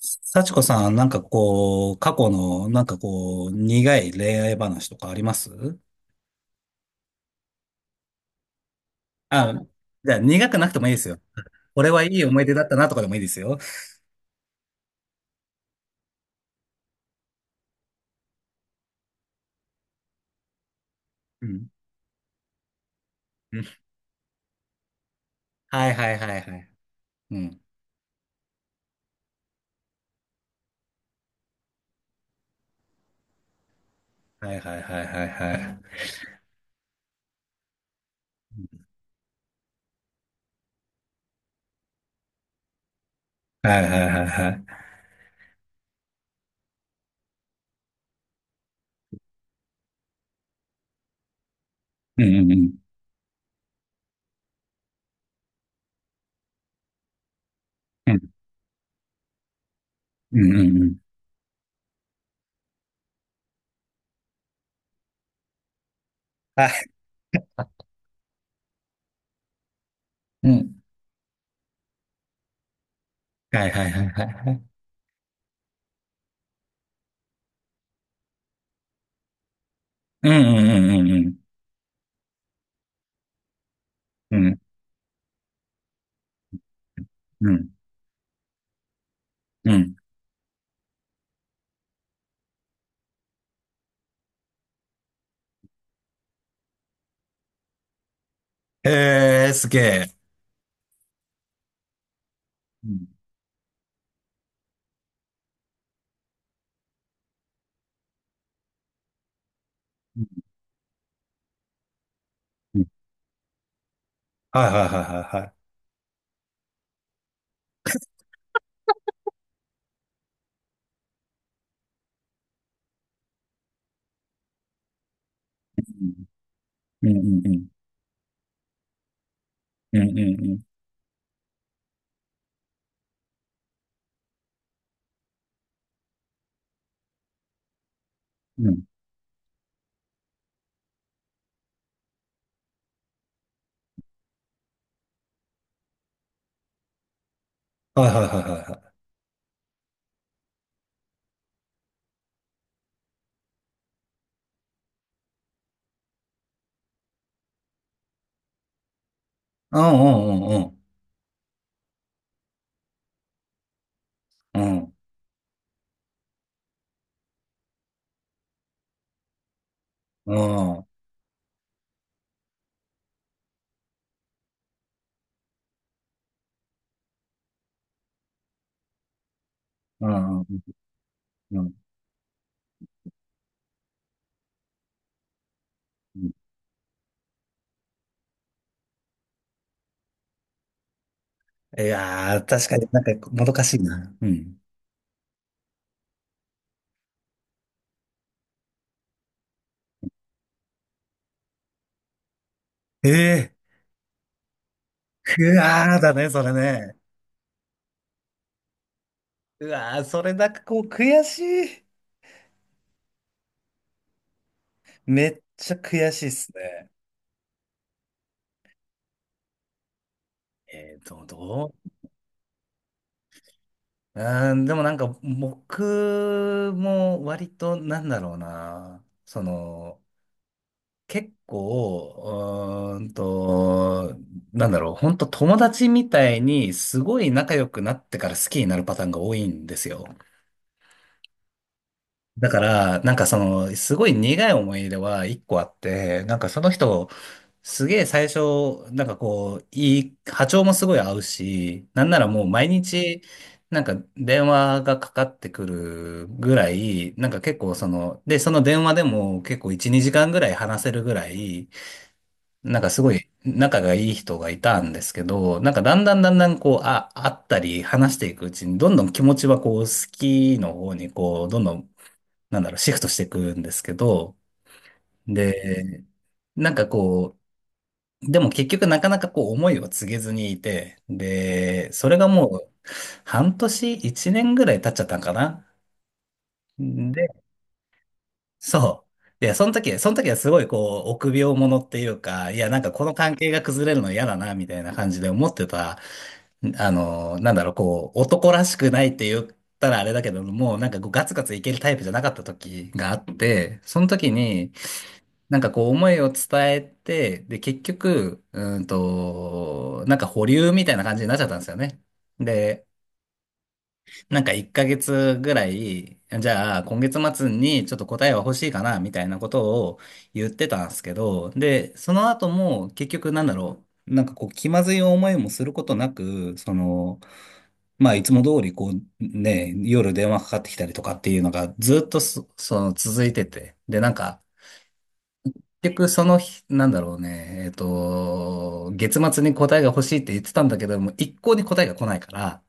幸子さん、なんかこう、過去の、なんかこう、苦い恋愛話とかあります？あ、じゃあ苦くなくてもいいですよ。これはいい思い出だったなとかでもいいですよ。うん。うん。はいはいはいはい。うん。はいはいはいはいはい。はいはいはいはい。うんうんうん。うんうんうんうん。はい。うん。はいはいはいはいはい。うんうんうんうんうん。うんうんうん。へえ、すげえ。うんうんうん。はいはいはいはいはい。うんうんうんうん。うんうんうん。はいはいはいはいはい。うんうんうんうん。うん。うんうんうん。うん。いやー、確かになんかもどかしいな。うん。ええ。ー、うわーだね、それね。うわー、それなんかこう悔しい。めっちゃ悔しいっすね。えーと、どううーん、でもなんか僕も割となんだろうな。その、結構、なんだろう、本当友達みたいにすごい仲良くなってから好きになるパターンが多いんですよ。だから、なんかその、すごい苦い思い出は1個あって、なんかその人、すげえ最初、なんかこう、いい、波長もすごい合うし、なんならもう毎日、なんか電話がかかってくるぐらい、なんか結構その、で、その電話でも結構1、2時間ぐらい話せるぐらい、なんかすごい仲がいい人がいたんですけど、なんかだんだんだんだんこう、あ、会ったり話していくうちに、どんどん気持ちはこう、好きの方にこう、どんどん、なんだろう、シフトしていくんですけど、で、なんかこう、でも結局なかなかこう、思いを告げずにいて、で、それがもう、半年、1年ぐらい経っちゃったんかな。で、そう。いやその時はすごいこう、臆病者っていうか、いや、なんかこの関係が崩れるの嫌だな、みたいな感じで思ってた。あの、なんだろう、こう、男らしくないって言ったらあれだけども、なんかこうガツガツいけるタイプじゃなかった時があって、その時に、なんかこう思いを伝えて、で、結局、なんか保留みたいな感じになっちゃったんですよね。で、なんか1ヶ月ぐらい、じゃあ今月末にちょっと答えは欲しいかな、みたいなことを言ってたんですけど、で、その後も結局なんだろう、なんかこう気まずい思いもすることなく、その、まあ、いつも通り、こう、ね、夜電話かかってきたりとかっていうのがずっとその続いてて。で、なんか、結局その日、なんだろうね、月末に答えが欲しいって言ってたんだけども、一向に答えが来ないから、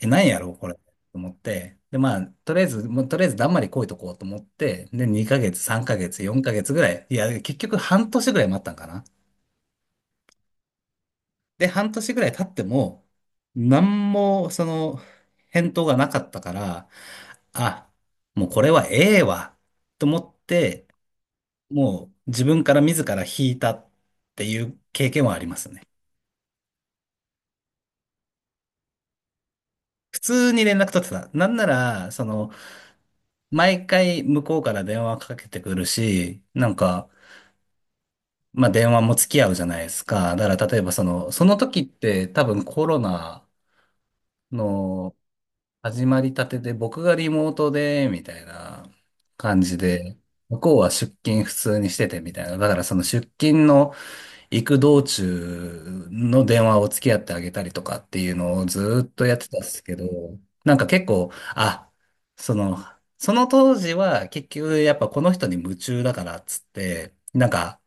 え、何やろう、これ、と思って。で、まあ、とりあえず、もうとりあえずだんまり来いとこうと思って、で、2ヶ月、3ヶ月、4ヶ月ぐらい、いや、結局半年ぐらい待ったんかな。で、半年ぐらい経っても、何も、その、返答がなかったから、あ、もうこれはええわ、と思って、もう自分から自ら引いたっていう経験はありますね。普通に連絡取ってた。なんなら、その、毎回向こうから電話かけてくるし、なんか、まあ電話も付き合うじゃないですか。だから例えばその時って多分コロナの始まりたてで僕がリモートで、みたいな感じで、向こうは出勤普通にしててみたいな。だからその出勤の、行く道中の電話を付き合ってあげたりとかっていうのをずーっとやってたんですけど、なんか結構、あ、その、その当時は結局やっぱこの人に夢中だからっつって、なんか、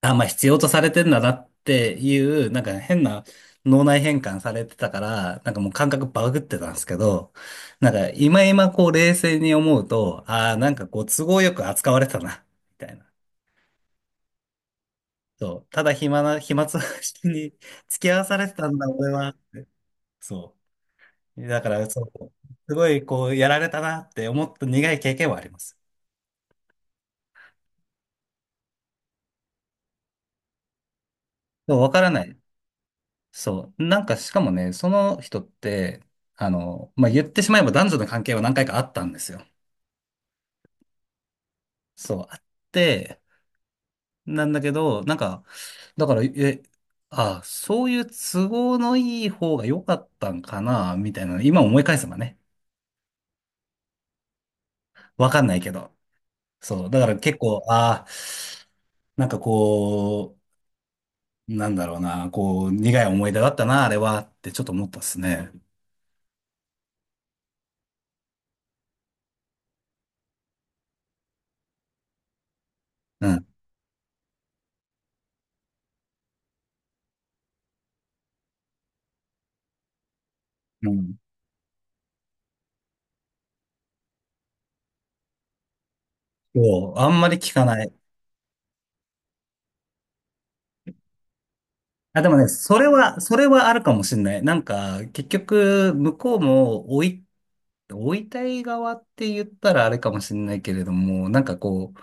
あ、まあ必要とされてんだなっていう、なんか変な脳内変換されてたから、なんかもう感覚バグってたんですけど、なんか今こう冷静に思うと、ああ、なんかこう都合よく扱われてたな、みたいな。そう。ただ暇つぶしに 付き合わされてたんだ、俺は。そう。だから、そう。すごい、こう、やられたなって思った苦い経験はあります。で、わからない。そう。なんか、しかもね、その人って、あの、まあ、言ってしまえば男女の関係は何回かあったんですよ。そう。あって、なんだけど、なんか、だから、え、あ、そういう都合のいい方が良かったんかな、みたいな、今思い返せばね。わかんないけど。そう。だから結構、ああ、なんかこう、なんだろうな、こう、苦い思い出だったな、あれは、ってちょっと思ったっすね。うん。うん。そう。あんまり聞かない。あ、でもね、それは、それはあるかもしんない。なんか、結局、向こうも、追いたい側って言ったらあれかもしんないけれども、なんかこう、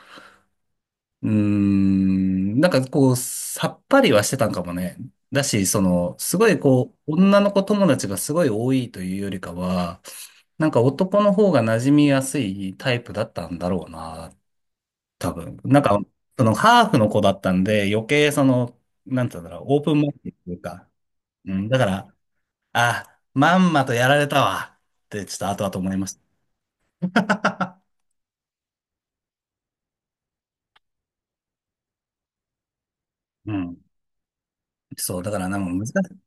なんかこう、さっぱりはしてたんかもね。だし、その、すごいこう、女の子友達がすごい多いというよりかは、なんか男の方が馴染みやすいタイプだったんだろうな、多分。なんか、そのハーフの子だったんで、余計その、なんて言うんだろう、オープンマインドというか、うん、だから、あ、まんまとやられたわ、ってちょっと後々思いました。うん。そう、だからなんか難しい。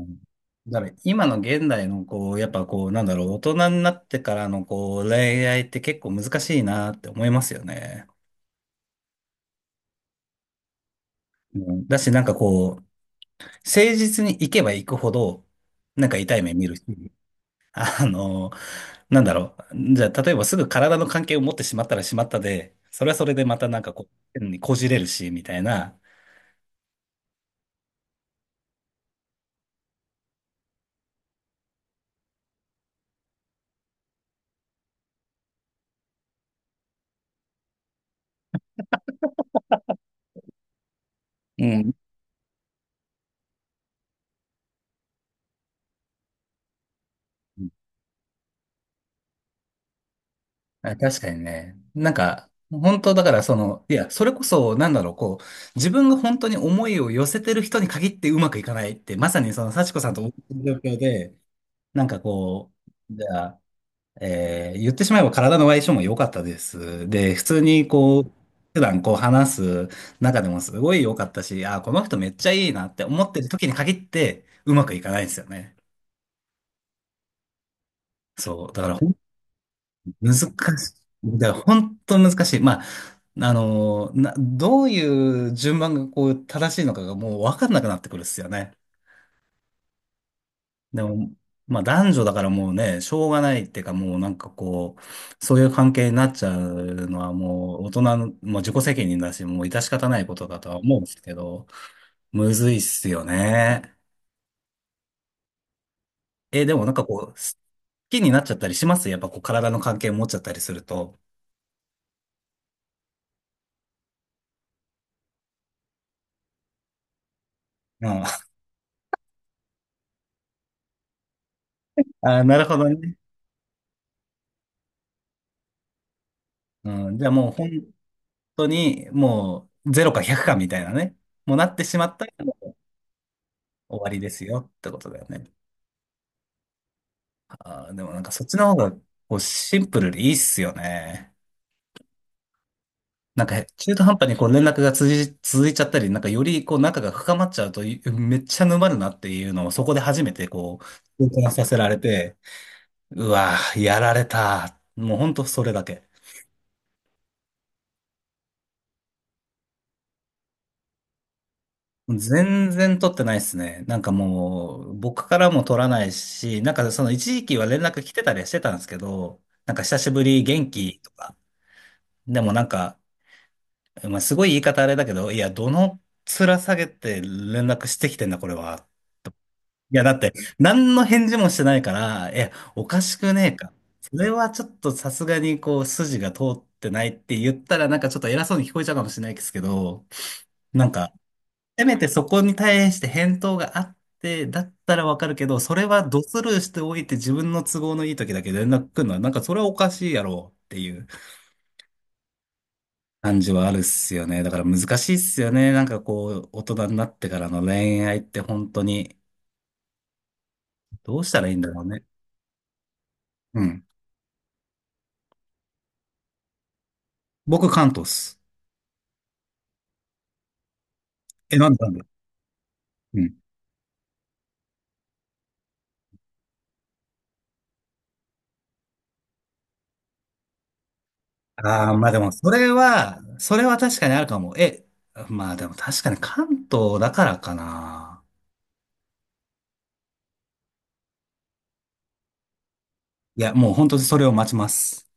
うん。だから今の現代のこう、やっぱこう、なんだろう、大人になってからのこう、恋愛って結構難しいなって思いますよね。うん。だしなんかこう、誠実に行けば行くほど、なんか痛い目見るし、あの、なんだろう、じゃあ例えばすぐ体の関係を持ってしまったらしまったで、それはそれでまたなんかこう、変にこじれるし、みたいな。うん。あ確かにね。なんか、本当だからその、いや、それこそ、なんだろう、こう、自分が本当に思いを寄せてる人に限ってうまくいかないって、まさにその幸子さんと同じ状況で、なんかこう、じゃあ、言ってしまえば体の相性も良かったです。で、普通にこう、普段こう話す中でもすごい良かったし、あー、この人めっちゃいいなって思ってる時に限ってうまくいかないんですよね。そう。だから難しい。だから本当難しい。まあ、あの、どういう順番がこう正しいのかがもう分かんなくなってくるっすよね。でも、まあ男女だからもうね、しょうがないっていうかもうなんかこう、そういう関係になっちゃうのはもう大人の、もう自己責任だし、もう致し方ないことだとは思うんですけど、むずいっすよね。え、でもなんかこう、好きになっちゃったりしますやっぱこう体の関係持っちゃったりすると。うん。あー、なるほどね。うん。じゃあもう本当にもうゼロか100かみたいなね、もうなってしまったらもう終わりですよってことだよね。あー、でもなんかそっちの方がこうシンプルでいいっすよね。なんか中途半端にこう連絡が続いちゃったり、なんかよりこう仲が深まっちゃうめっちゃ沼るなっていうのをそこで初めてこう、痛感させられて、うわー、やられた。もうほんとそれだけ。全然取ってないですね。なんかもう、僕からも取らないし、なんかその一時期は連絡来てたりはしてたんですけど、なんか久しぶり元気とか、でもなんか、まあ、すごい言い方あれだけど、いや、どの面下げて連絡してきてんだ、これは。いや、だって、何の返事もしてないから、いや、おかしくねえか。それはちょっとさすがにこう、筋が通ってないって言ったら、なんかちょっと偉そうに聞こえちゃうかもしれないですけど、なんかせめてそこに対して返答があって、だったらわかるけど、それはドスルーしておいて自分の都合のいい時だけ連絡来るのは、なんかそれはおかしいやろうっていう感じはあるっすよね。だから難しいっすよね。なんかこう、大人になってからの恋愛って本当に、どうしたらいいんだろうね。うん。僕、関東っす。え、なんでなんで？うん。ああ、まあでも、それは、それは確かにあるかも。え、まあでも確かに関東だからかな。いや、もう本当にそれを待ちます。